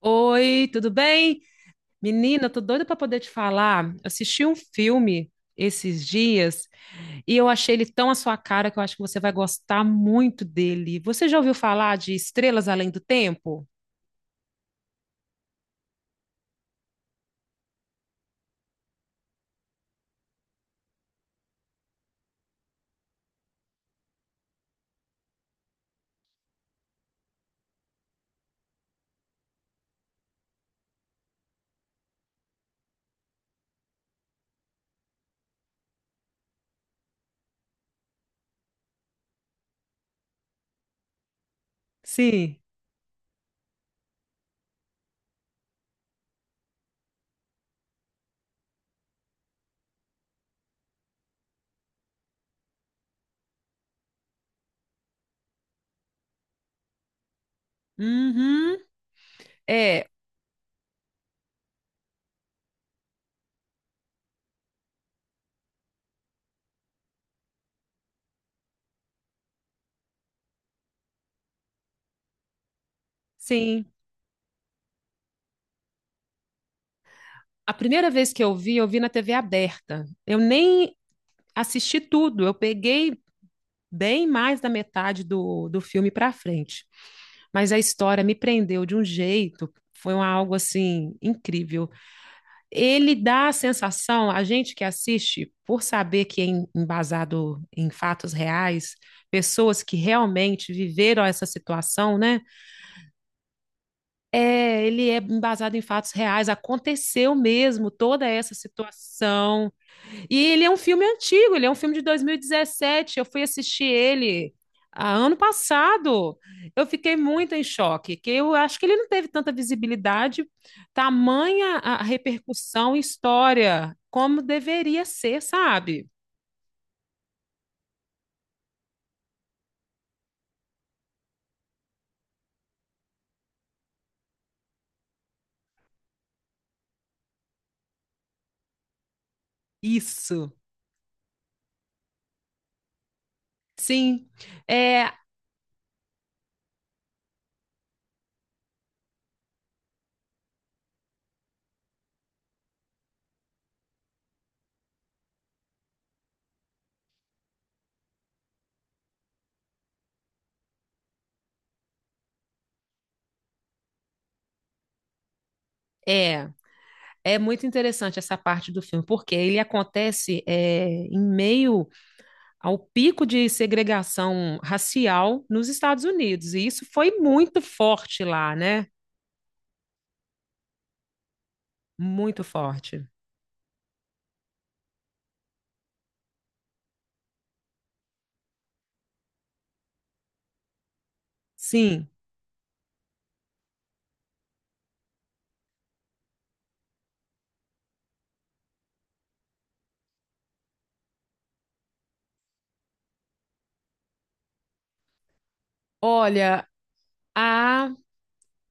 Oi, tudo bem? Menina, eu tô doida para poder te falar. Eu Assisti um filme esses dias e eu achei ele tão à sua cara que eu acho que você vai gostar muito dele. Você já ouviu falar de Estrelas Além do Tempo? Sim. Uhum. É, sim. A primeira vez que eu vi na TV aberta. Eu nem assisti tudo, eu peguei bem mais da metade do filme para frente. Mas a história me prendeu de um jeito, foi um algo assim incrível. Ele dá a sensação, a gente que assiste, por saber que é embasado em fatos reais, pessoas que realmente viveram essa situação, né? É, ele é embasado em fatos reais, aconteceu mesmo toda essa situação. E ele é um filme antigo, ele é um filme de 2017. Eu fui assistir ele ano passado. Eu fiquei muito em choque, que eu acho que ele não teve tanta visibilidade, tamanha a repercussão e história como deveria ser, sabe? Isso. Sim. É, é, é, muito interessante essa parte do filme, porque ele acontece em meio ao pico de segregação racial nos Estados Unidos. E isso foi muito forte lá, né? Muito forte. Sim. Olha, a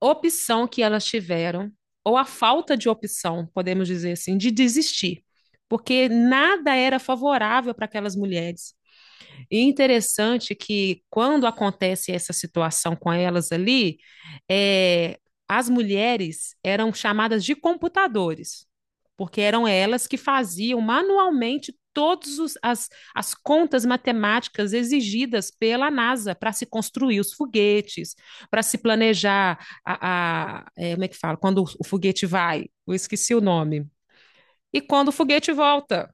opção que elas tiveram, ou a falta de opção, podemos dizer assim, de desistir, porque nada era favorável para aquelas mulheres. E interessante que quando acontece essa situação com elas ali, é, as mulheres eram chamadas de computadores, porque eram elas que faziam manualmente todas as contas matemáticas exigidas pela NASA para se construir os foguetes, para se planejar a, como é que fala? Quando o foguete vai, eu esqueci o nome. E quando o foguete volta,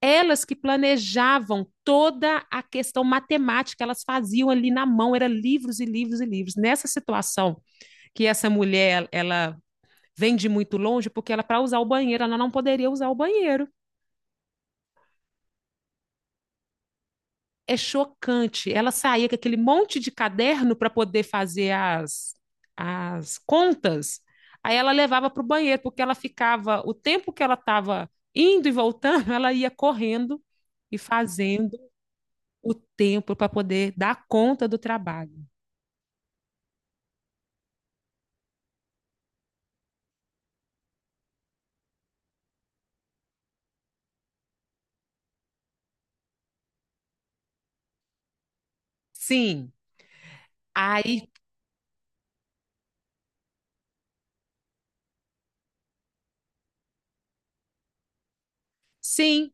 elas que planejavam toda a questão matemática, elas faziam ali na mão, eram livros e livros e livros. Nessa situação que essa mulher, ela vem de muito longe, porque ela para usar o banheiro, ela não poderia usar o banheiro. É chocante. Ela saía com aquele monte de caderno para poder fazer as contas. Aí ela levava para o banheiro, porque ela ficava, o tempo que ela estava indo e voltando, ela ia correndo e fazendo o tempo para poder dar conta do trabalho. Sim, aí sim,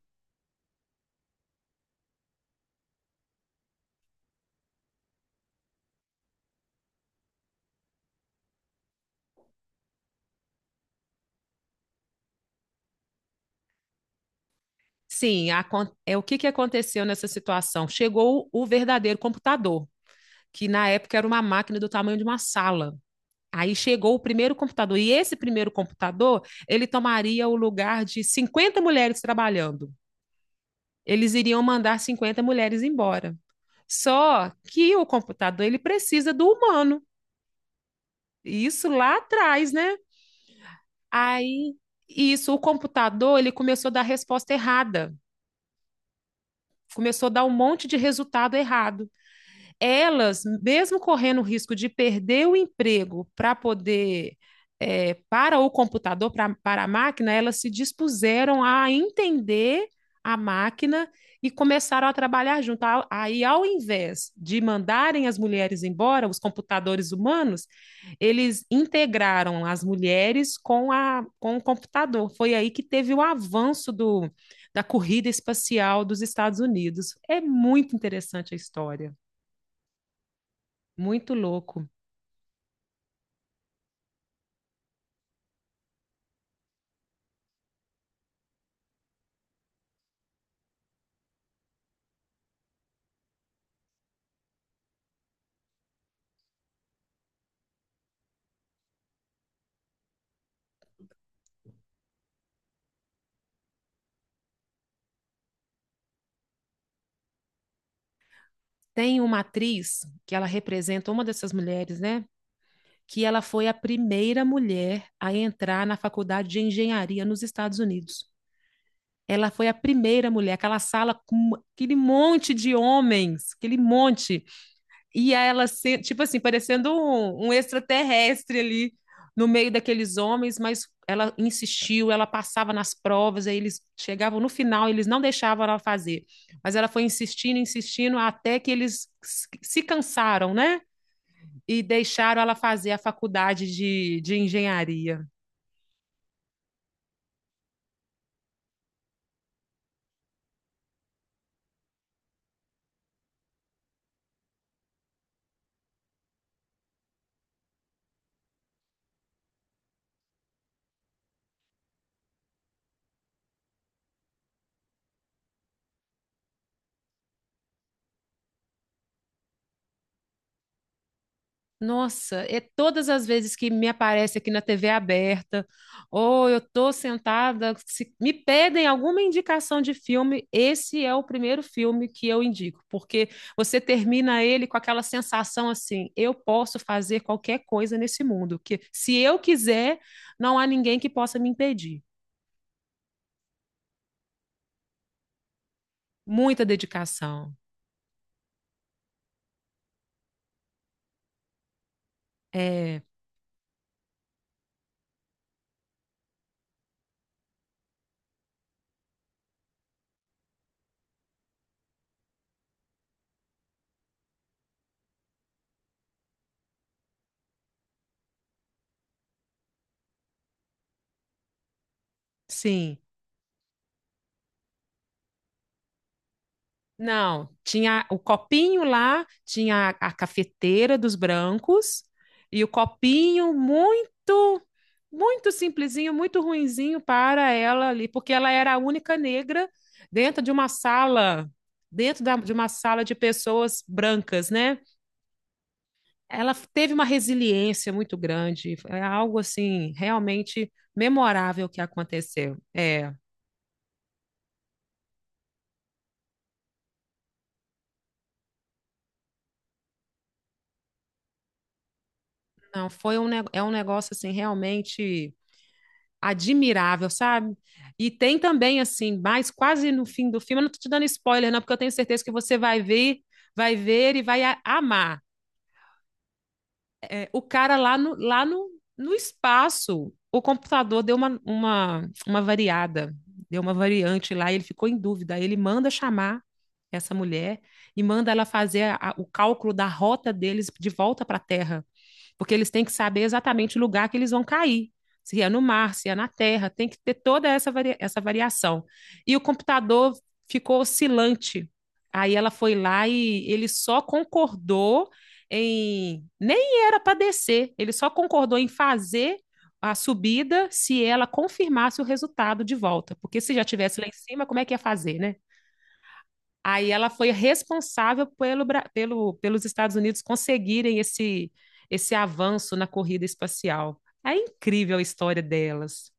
sim, é o que que aconteceu nessa situação? Chegou o verdadeiro computador, que na época era uma máquina do tamanho de uma sala. Aí chegou o primeiro computador, e esse primeiro computador, ele tomaria o lugar de 50 mulheres trabalhando. Eles iriam mandar 50 mulheres embora. Só que o computador, ele precisa do humano. E isso lá atrás, né? Aí, isso, o computador, ele começou a dar resposta errada. Começou a dar um monte de resultado errado, elas, mesmo correndo o risco de perder o emprego para poder, é, para o computador, para a máquina, elas se dispuseram a entender a máquina e começaram a trabalhar junto. Aí, ao invés de mandarem as mulheres embora, os computadores humanos, eles integraram as mulheres com o computador. Foi aí que teve o avanço da corrida espacial dos Estados Unidos. É muito interessante a história. Muito louco. Tem uma atriz que ela representa uma dessas mulheres, né? Que ela foi a primeira mulher a entrar na faculdade de engenharia nos Estados Unidos. Ela foi a primeira mulher, aquela sala com aquele monte de homens, aquele monte. E ela, tipo assim, parecendo um extraterrestre ali no meio daqueles homens, mas ela insistiu, ela passava nas provas, aí eles chegavam no final, eles não deixavam ela fazer. Mas ela foi insistindo, insistindo, até que eles se cansaram, né? E deixaram ela fazer a faculdade de engenharia. Nossa, é todas as vezes que me aparece aqui na TV aberta, ou eu tô sentada, se me pedem alguma indicação de filme, esse é o primeiro filme que eu indico, porque você termina ele com aquela sensação assim, eu posso fazer qualquer coisa nesse mundo, que se eu quiser, não há ninguém que possa me impedir. Muita dedicação. É, sim. Não, tinha o copinho lá, tinha a cafeteira dos brancos e o copinho muito simplesinho, muito ruinzinho para ela ali, porque ela era a única negra dentro de uma sala, de uma sala de pessoas brancas, né? Ela teve uma resiliência muito grande, é algo assim realmente memorável que aconteceu. Não, é um negócio assim realmente admirável, sabe? E tem também, assim, mais quase no fim do filme, eu não tô te dando spoiler, não, porque eu tenho certeza que você vai ver e vai amar. É, o cara lá no, no espaço, o computador deu uma variada, deu uma variante lá, e ele ficou em dúvida. Aí ele manda chamar essa mulher e manda ela fazer o cálculo da rota deles de volta para a Terra, porque eles têm que saber exatamente o lugar que eles vão cair. Se é no mar, se é na terra, tem que ter toda essa variação. E o computador ficou oscilante. Aí ela foi lá e ele só concordou em. Nem era para descer, ele só concordou em fazer a subida se ela confirmasse o resultado de volta. Porque se já tivesse lá em cima, como é que ia fazer, né? Aí ela foi responsável pelos Estados Unidos conseguirem esse avanço na corrida espacial. É incrível a história delas.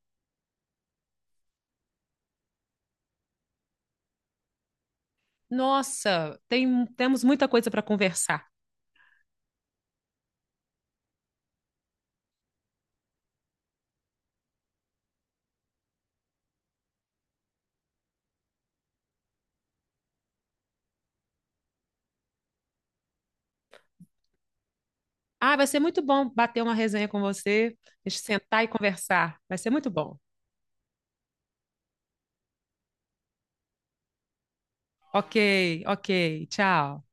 Nossa, temos muita coisa para conversar. Ah, vai ser muito bom bater uma resenha com você, a gente sentar e conversar. Vai ser muito bom. Ok, ok, tchau.